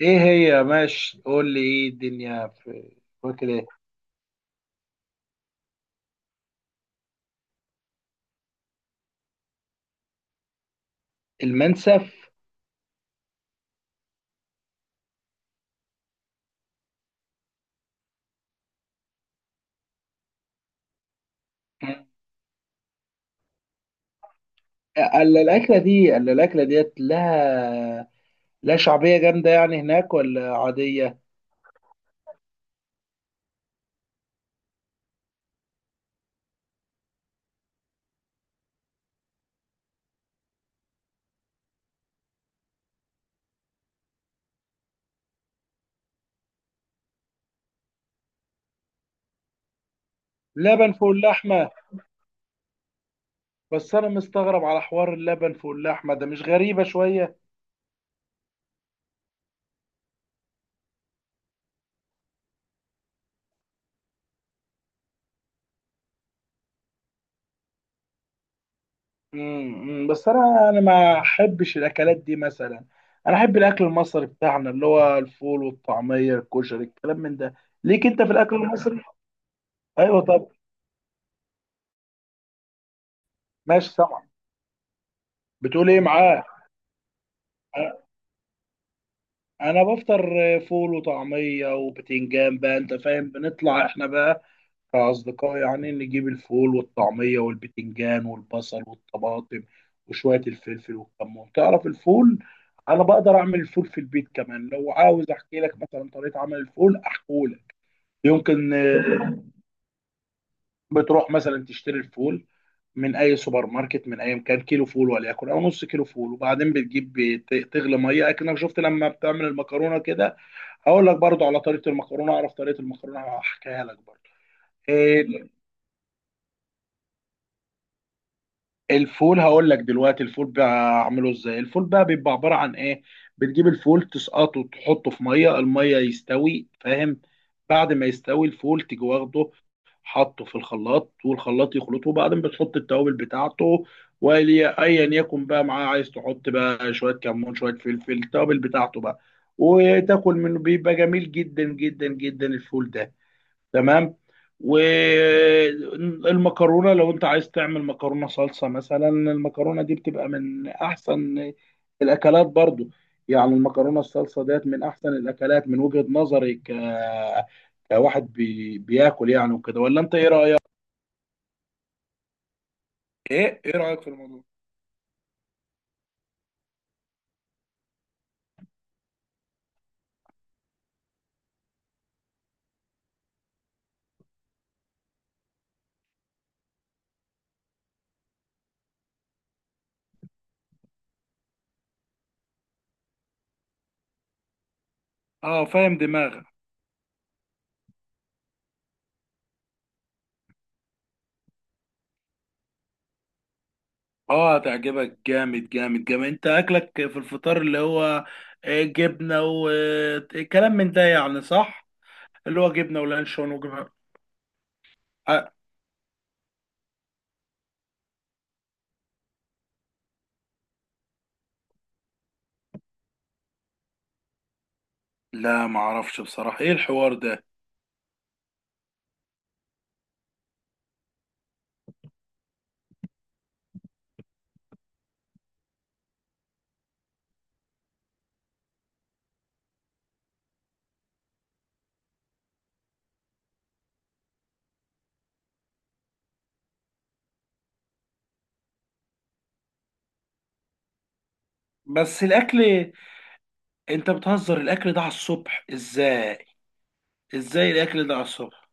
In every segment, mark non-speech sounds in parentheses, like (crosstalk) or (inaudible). ايه هي؟ ماشي، قول لي، ايه الدنيا؟ في فاكر ايه؟ المنسف. الا الاكله ديت لها لا شعبيه جامده يعني هناك ولا عاديه؟ لبن فوق اللحمه؟ بس انا مستغرب على حوار اللبن فوق اللحمه ده. مش غريبه شويه؟ بس انا ما احبش الاكلات دي مثلا. انا احب الاكل المصري بتاعنا، اللي هو الفول والطعميه الكشري، الكلام من ده. ليك انت في الاكل المصري؟ ايوه. طب ماشي، سامع. بتقول ايه معاه؟ انا بفطر فول وطعميه وبتنجان بقى، انت فاهم. بنطلع احنا بقى كاصدقاء يعني، نجيب الفول والطعميه والبتنجان والبصل والطماطم وشويه الفلفل والكمون. تعرف الفول؟ انا بقدر اعمل الفول في البيت كمان، لو عاوز احكي لك مثلا طريقه عمل الفول احكولك. يمكن. بتروح مثلا تشتري الفول من اي سوبر ماركت، من اي مكان. كيلو فول، وليكن او نص كيلو فول، وبعدين بتجيب تغلي ميه اكنك شفت لما بتعمل المكرونه كده. هقول لك برضو على طريقه المكرونه. اعرف طريقه المكرونه، هحكيها لك برضو. إيه. الفول هقول لك دلوقتي. الفول بعمله ازاي؟ الفول بقى بيبقى عباره عن ايه؟ بتجيب الفول، تسقطه، تحطه في ميه. الميه يستوي، فاهم. بعد ما يستوي الفول، تيجي واخده حطه في الخلاط، والخلاط يخلطه، وبعدين بتحط التوابل بتاعته، واللي ايا يكن بقى معاه. عايز تحط بقى شويه كمون، شويه فلفل، التوابل بتاعته بقى، وتاكل منه. بيبقى جميل جدا جدا جدا الفول ده. تمام. والمكرونه، لو انت عايز تعمل مكرونه صلصه مثلا، المكرونه دي بتبقى من احسن الاكلات برضو. يعني المكرونه الصلصه ديت من احسن الاكلات من وجهة نظري كواحد بياكل، يعني وكده. ولا انت ايه رايك؟ ايه رايك في الموضوع؟ اه، فاهم دماغك. اه، هتعجبك جامد جامد جامد. انت اكلك في الفطار، اللي هو جبنه وكلام من ده يعني، صح؟ اللي هو جبنه ولانشون وجبنه. لا، معرفش بصراحة ايه الحوار ده. بس الاكل، انت بتهزر الاكل ده على الصبح ازاي؟ ازاي الاكل ده على الصبح؟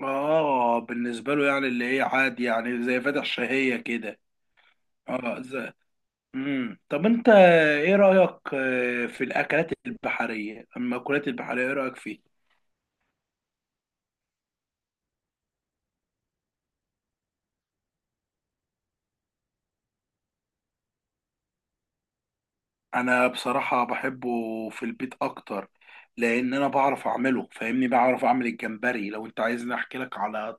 اه، بالنسبة له يعني، اللي هي عادي يعني، زي فاتح شهية كده. اه، ازاي؟ طب انت ايه رأيك في الاكلات البحرية، المأكولات البحرية؟ ايه رأيك فيه؟ انا بصراحة بحبه في البيت اكتر، لان انا بعرف اعمله، فاهمني. بعرف اعمل الجمبري، لو انت عايزني احكي لك على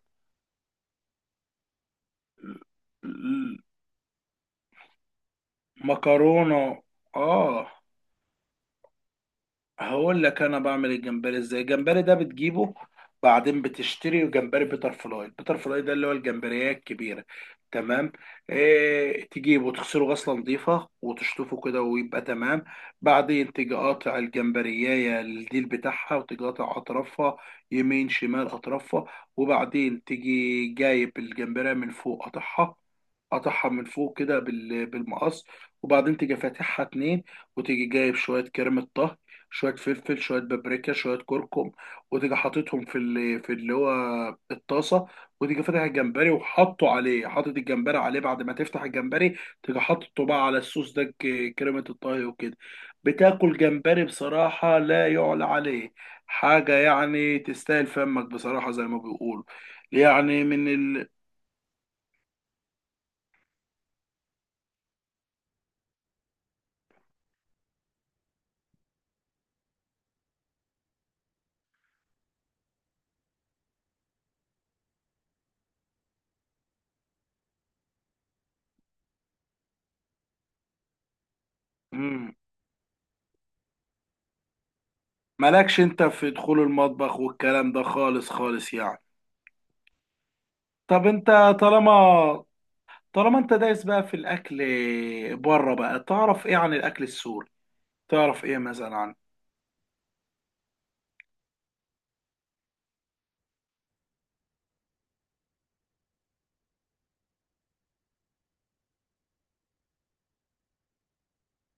مكرونة. اه، هقول لك انا بعمل الجمبري ازاي. الجمبري ده بتجيبه، بعدين بتشتري جمبري بيتر فلاي. البيتر فلاي ده اللي هو الجمبريه الكبيره، تمام. إيه، تجيبه تغسله غسله نظيفه وتشطفه كده ويبقى تمام. بعدين تيجي قاطع الجمبريه الديل بتاعها، وتيجي قاطع اطرافها، يمين شمال اطرافها. وبعدين تيجي جايب الجمبريه من فوق، قاطعها. قاطعها من فوق كده بالمقص. وبعدين تيجي فاتحها اتنين. وتيجي جايب شويه كريمه طهي، شويه فلفل، شويه بابريكا، شويه كركم، وتيجي حاططهم في اللي هو الطاسه. وتيجي فاتح الجمبري وحاطه عليه، حاطط الجمبري عليه بعد ما تفتح الجمبري. تيجي حاطه بقى على الصوص ده، كريمه الطهي وكده. بتاكل جمبري، بصراحه لا يعلى عليه. حاجه يعني تستاهل فمك، بصراحه، زي ما بيقولوا. يعني من ال مم. مالكش انت في دخول المطبخ والكلام ده خالص خالص يعني. طب انت، طالما طالما انت دايس بقى في الاكل بره بقى، تعرف ايه عن الاكل السوري؟ تعرف ايه مثلا عن؟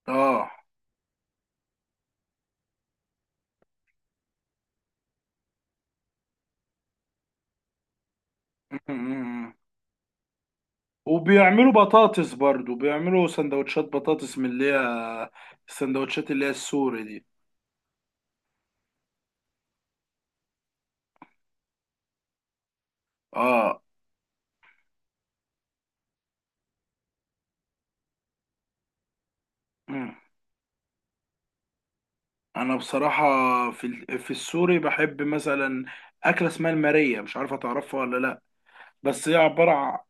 اه. (laughs) م-م-م. وبيعملوا بطاطس برضو. بيعملوا سندوتشات بطاطس من اللي هي السندوتشات اللي هي السوري دي. اه. (clears throat) م. انا بصراحة في في السوري بحب مثلا اكلة اسمها المارية، مش عارفة تعرفها ولا لا. بس هي عبارة،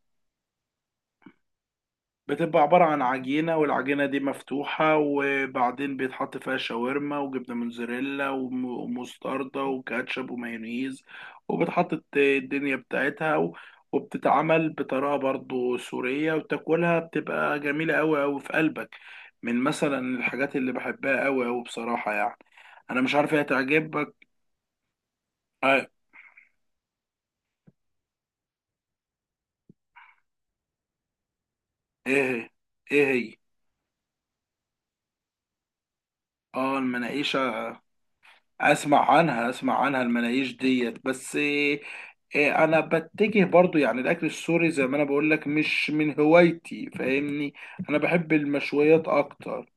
بتبقى عبارة عن عجينة، والعجينة دي مفتوحة، وبعدين بيتحط فيها شاورما وجبنة موتزاريلا ومستردة وكاتشب ومايونيز. وبتحط الدنيا بتاعتها وبتتعمل بطريقة برضو سورية، وتاكلها بتبقى جميلة أوي أوي في قلبك. من مثلا الحاجات اللي بحبها أوي أوي بصراحة يعني. أنا مش عارف هي تعجبك. آه، إيه هي؟ إيه هي؟ آه، المناقيشة. اسمع عنها، اسمع عنها. المناقيش ديت، بس إيه. إيه، انا بتجه برضو يعني، الاكل السوري زي ما انا بقول لك مش من هوايتي، فاهمني. انا بحب المشويات اكتر.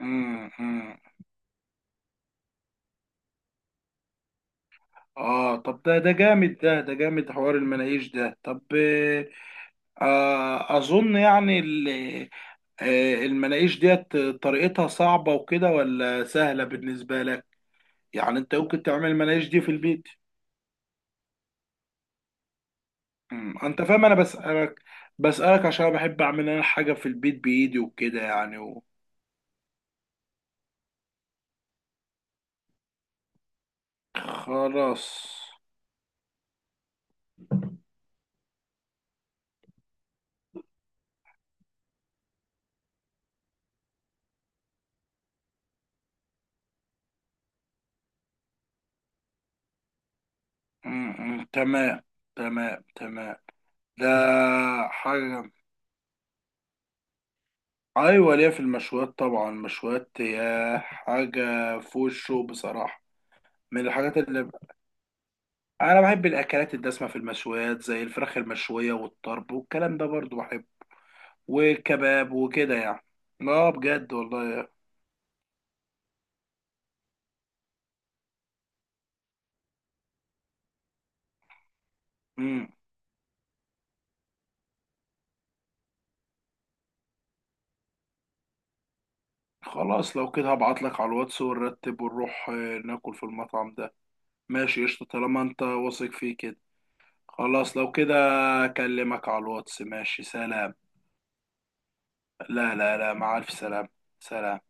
مم، مم. اه طب، ده جامد، ده جامد حوار المناقيش ده. طب إيه، اظن يعني المناقيش ديت طريقتها صعبة وكده ولا سهلة بالنسبة لك؟ يعني انت ممكن تعمل المناقيش دي في البيت؟ مم. انت فاهم انا بسألك، بسألك عشان بحب اعمل انا حاجة في البيت بايدي وكده يعني خلاص. مم. مم. تمام. تمام تمام. ده حاجة، ايوه ليا في المشويات طبعا. المشويات هي حاجة فوق الشو بصراحة، من الحاجات اللي انا بحب الاكلات الدسمة في المشويات، زي الفراخ المشوية والطرب والكلام ده برضو بحبه، والكباب وكده يعني. اه بجد والله. مم. خلاص، لو كده هبعت لك على الواتس، ونرتب ونروح ناكل في المطعم ده. ماشي قشطة، طالما انت واثق فيه كده. خلاص، لو كده اكلمك على الواتس. ماشي، سلام. لا لا لا، مع الف سلام. سلام.